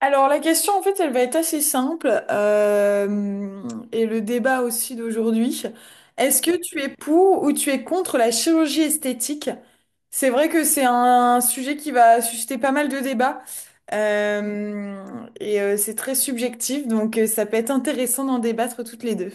Alors la question en fait elle va être assez simple et le débat aussi d'aujourd'hui. Est-ce que tu es pour ou tu es contre la chirurgie esthétique? C'est vrai que c'est un sujet qui va susciter pas mal de débats euh, et c'est très subjectif donc ça peut être intéressant d'en débattre toutes les deux.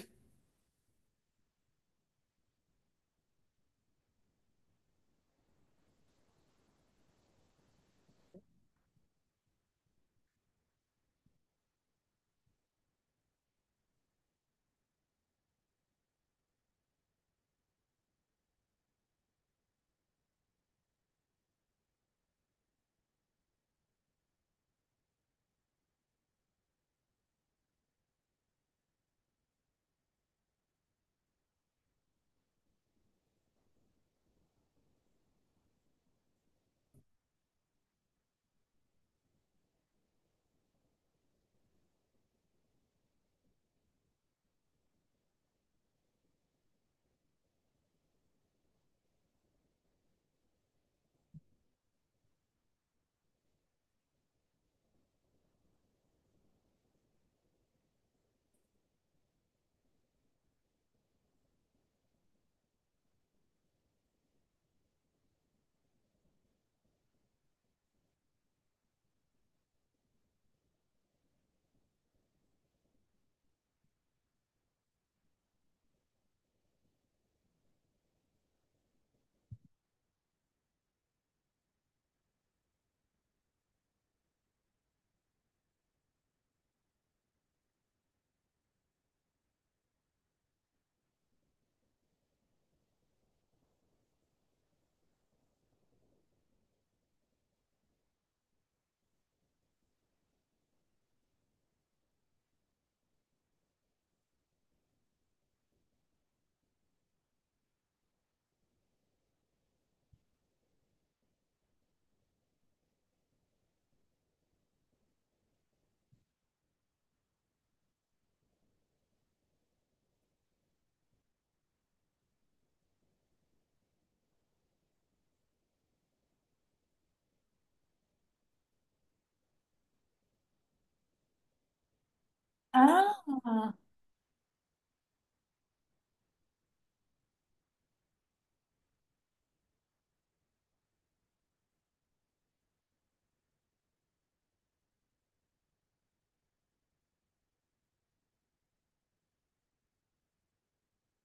Ah.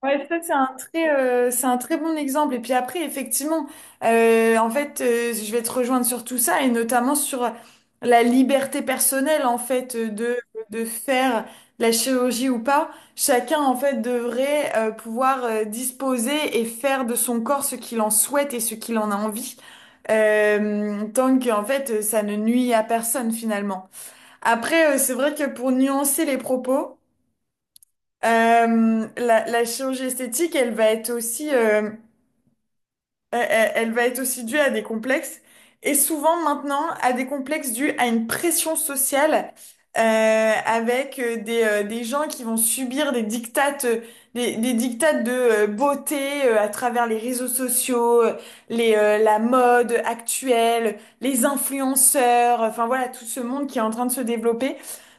Ouais, ça c'est un très bon exemple. Et puis après, effectivement, en fait, je vais te rejoindre sur tout ça et notamment sur la liberté personnelle en fait de faire la chirurgie ou pas. Chacun en fait devrait pouvoir disposer et faire de son corps ce qu'il en souhaite et ce qu'il en a envie. Tant que en fait ça ne nuit à personne finalement. Après, c'est vrai que pour nuancer les propos. La chirurgie esthétique, elle va être aussi elle va être aussi due à des complexes et souvent maintenant à des complexes dus à une pression sociale avec des gens qui vont subir des dictates de beauté à travers les réseaux sociaux, la mode actuelle, les influenceurs, enfin voilà tout ce monde qui est en train de se développer.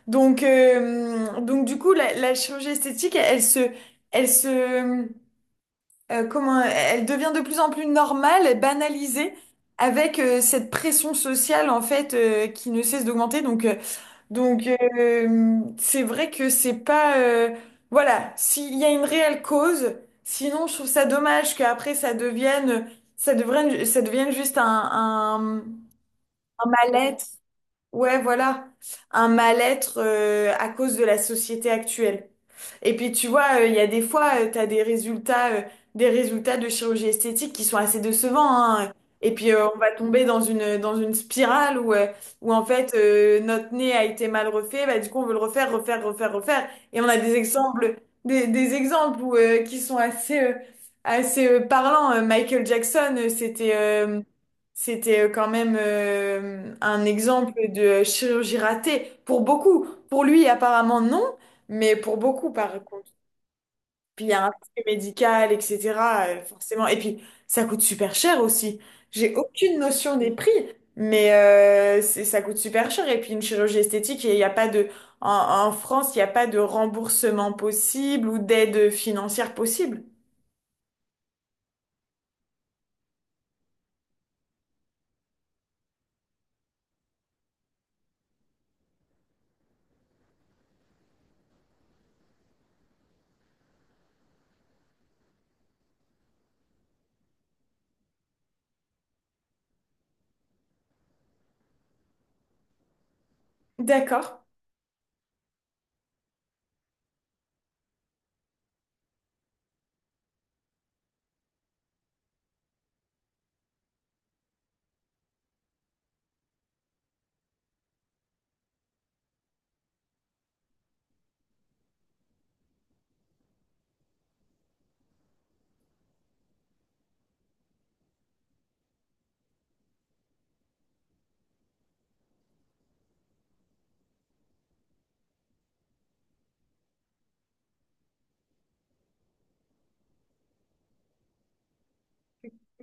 Donc, du coup, la chirurgie esthétique, elle, elle se comment elle devient de plus en plus normale, et banalisée avec cette pression sociale en fait qui ne cesse d'augmenter. Donc c'est vrai que c'est pas voilà, s'il y a une réelle cause, sinon je trouve ça dommage qu'après ça devienne juste un mal-être. Ouais, voilà, un mal-être à cause de la société actuelle. Et puis tu vois, il y a des fois, tu as des résultats de chirurgie esthétique qui sont assez décevants, hein. Et puis on va tomber dans une spirale où, en fait notre nez a été mal refait, bah, du coup on veut le refaire, refaire, refaire, refaire. Et on a des exemples où, qui sont assez parlants. Michael Jackson, c'était quand même un exemple de chirurgie ratée pour beaucoup. Pour lui, apparemment, non, mais pour beaucoup, par contre. Puis il y a un risque médical, etc. Forcément. Et puis, ça coûte super cher aussi. J'ai aucune notion des prix, mais ça coûte super cher. Et puis, une chirurgie esthétique, il n'y a pas de... En, en France, il n'y a pas de remboursement possible ou d'aide financière possible. D'accord.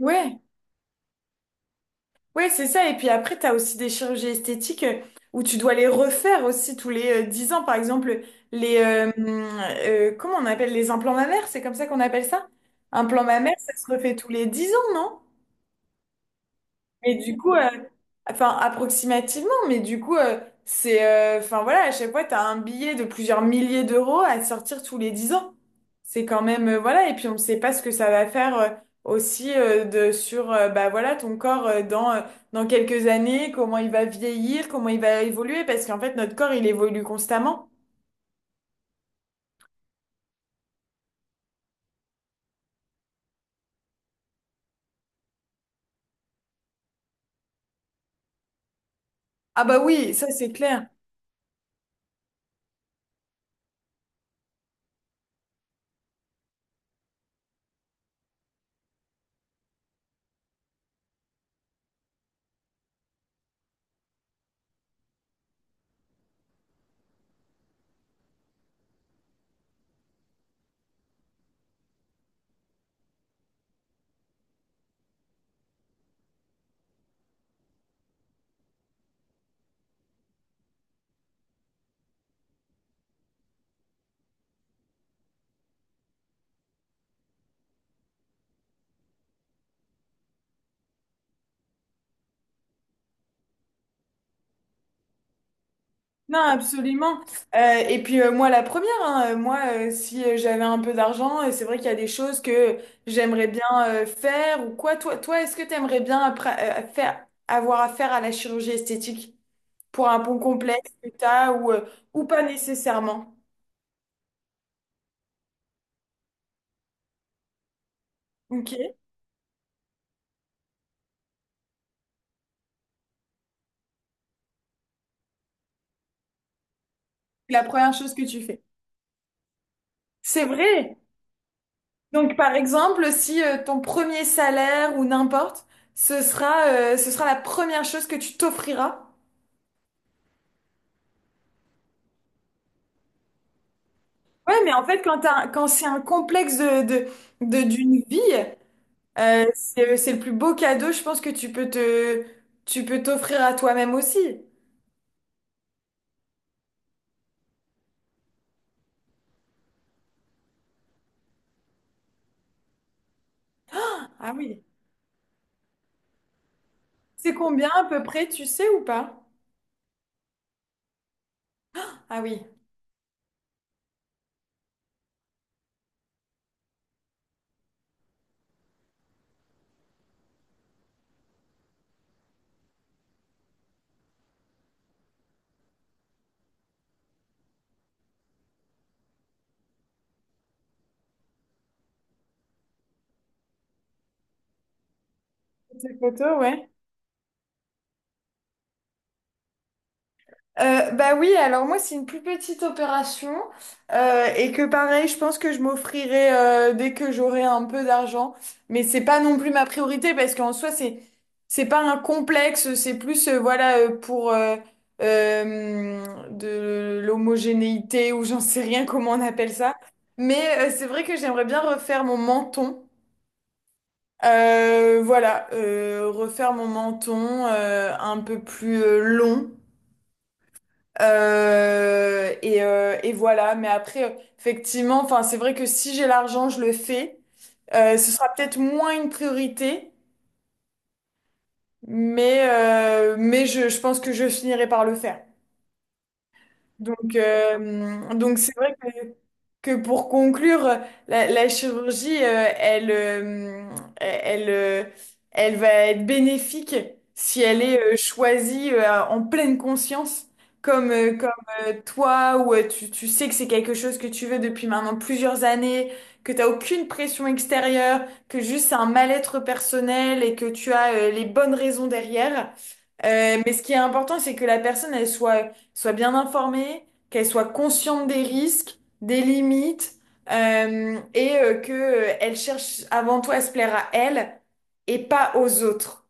Ouais. Ouais, c'est ça. Et puis après, tu as aussi des chirurgies esthétiques où tu dois les refaire aussi tous les 10 ans. Par exemple, les... comment on appelle les implants mammaires? C'est comme ça qu'on appelle ça? Implant mammaire, ça se refait tous les 10 ans, non? Mais du coup, enfin approximativement, mais du coup, c'est, enfin voilà, à chaque fois, t'as un billet de plusieurs milliers d'euros à sortir tous les 10 ans. C'est quand même, voilà, et puis on ne sait pas ce que ça va faire aussi bah voilà, ton corps dans quelques années, comment il va vieillir, comment il va évoluer, parce qu'en fait, notre corps, il évolue constamment. Ah bah oui, ça c'est clair. Non, absolument. Euh, et puis moi, la première, hein, si j'avais un peu d'argent, c'est vrai qu'il y a des choses que j'aimerais bien faire ou quoi. Toi, est-ce que tu aimerais bien après, avoir affaire à la chirurgie esthétique pour un bon complexe que t'as ou, ou pas nécessairement? Ok. C'est. La première chose que tu fais. C'est vrai. Donc, par exemple, si ton premier salaire ou n'importe, ce sera la première chose que tu t'offriras. Ouais, mais en fait, quand c'est un complexe d'une vie, c'est le plus beau cadeau, je pense, que tu peux t'offrir à toi-même aussi. Ah oui. C'est combien à peu près, tu sais ou pas? Ah oui. Ces photos, ouais. Bah oui, alors moi c'est une plus petite opération et que pareil, je pense que je m'offrirai dès que j'aurai un peu d'argent, mais c'est pas non plus ma priorité parce qu'en soi c'est pas un complexe, c'est plus voilà pour euh, de l'homogénéité ou j'en sais rien comment on appelle ça, mais c'est vrai que j'aimerais bien refaire mon menton. Voilà, refaire mon menton un peu plus long. Et voilà. Mais après, effectivement, enfin, c'est vrai que si j'ai l'argent, je le fais. Ce sera peut-être moins une priorité, mais je pense que je finirai par le faire. Donc, c'est vrai que pour conclure, la chirurgie, elle, euh, elle va être bénéfique si elle est choisie en pleine conscience, comme toi, où tu sais que c'est quelque chose que tu veux depuis maintenant plusieurs années, que tu n'as aucune pression extérieure, que juste c'est un mal-être personnel et que tu as les bonnes raisons derrière. Mais ce qui est important, c'est que la personne, elle soit soient bien informées, qu'elles soient conscientes des risques, des limites, et que elles cherchent avant tout à se plaire à elles et pas aux autres.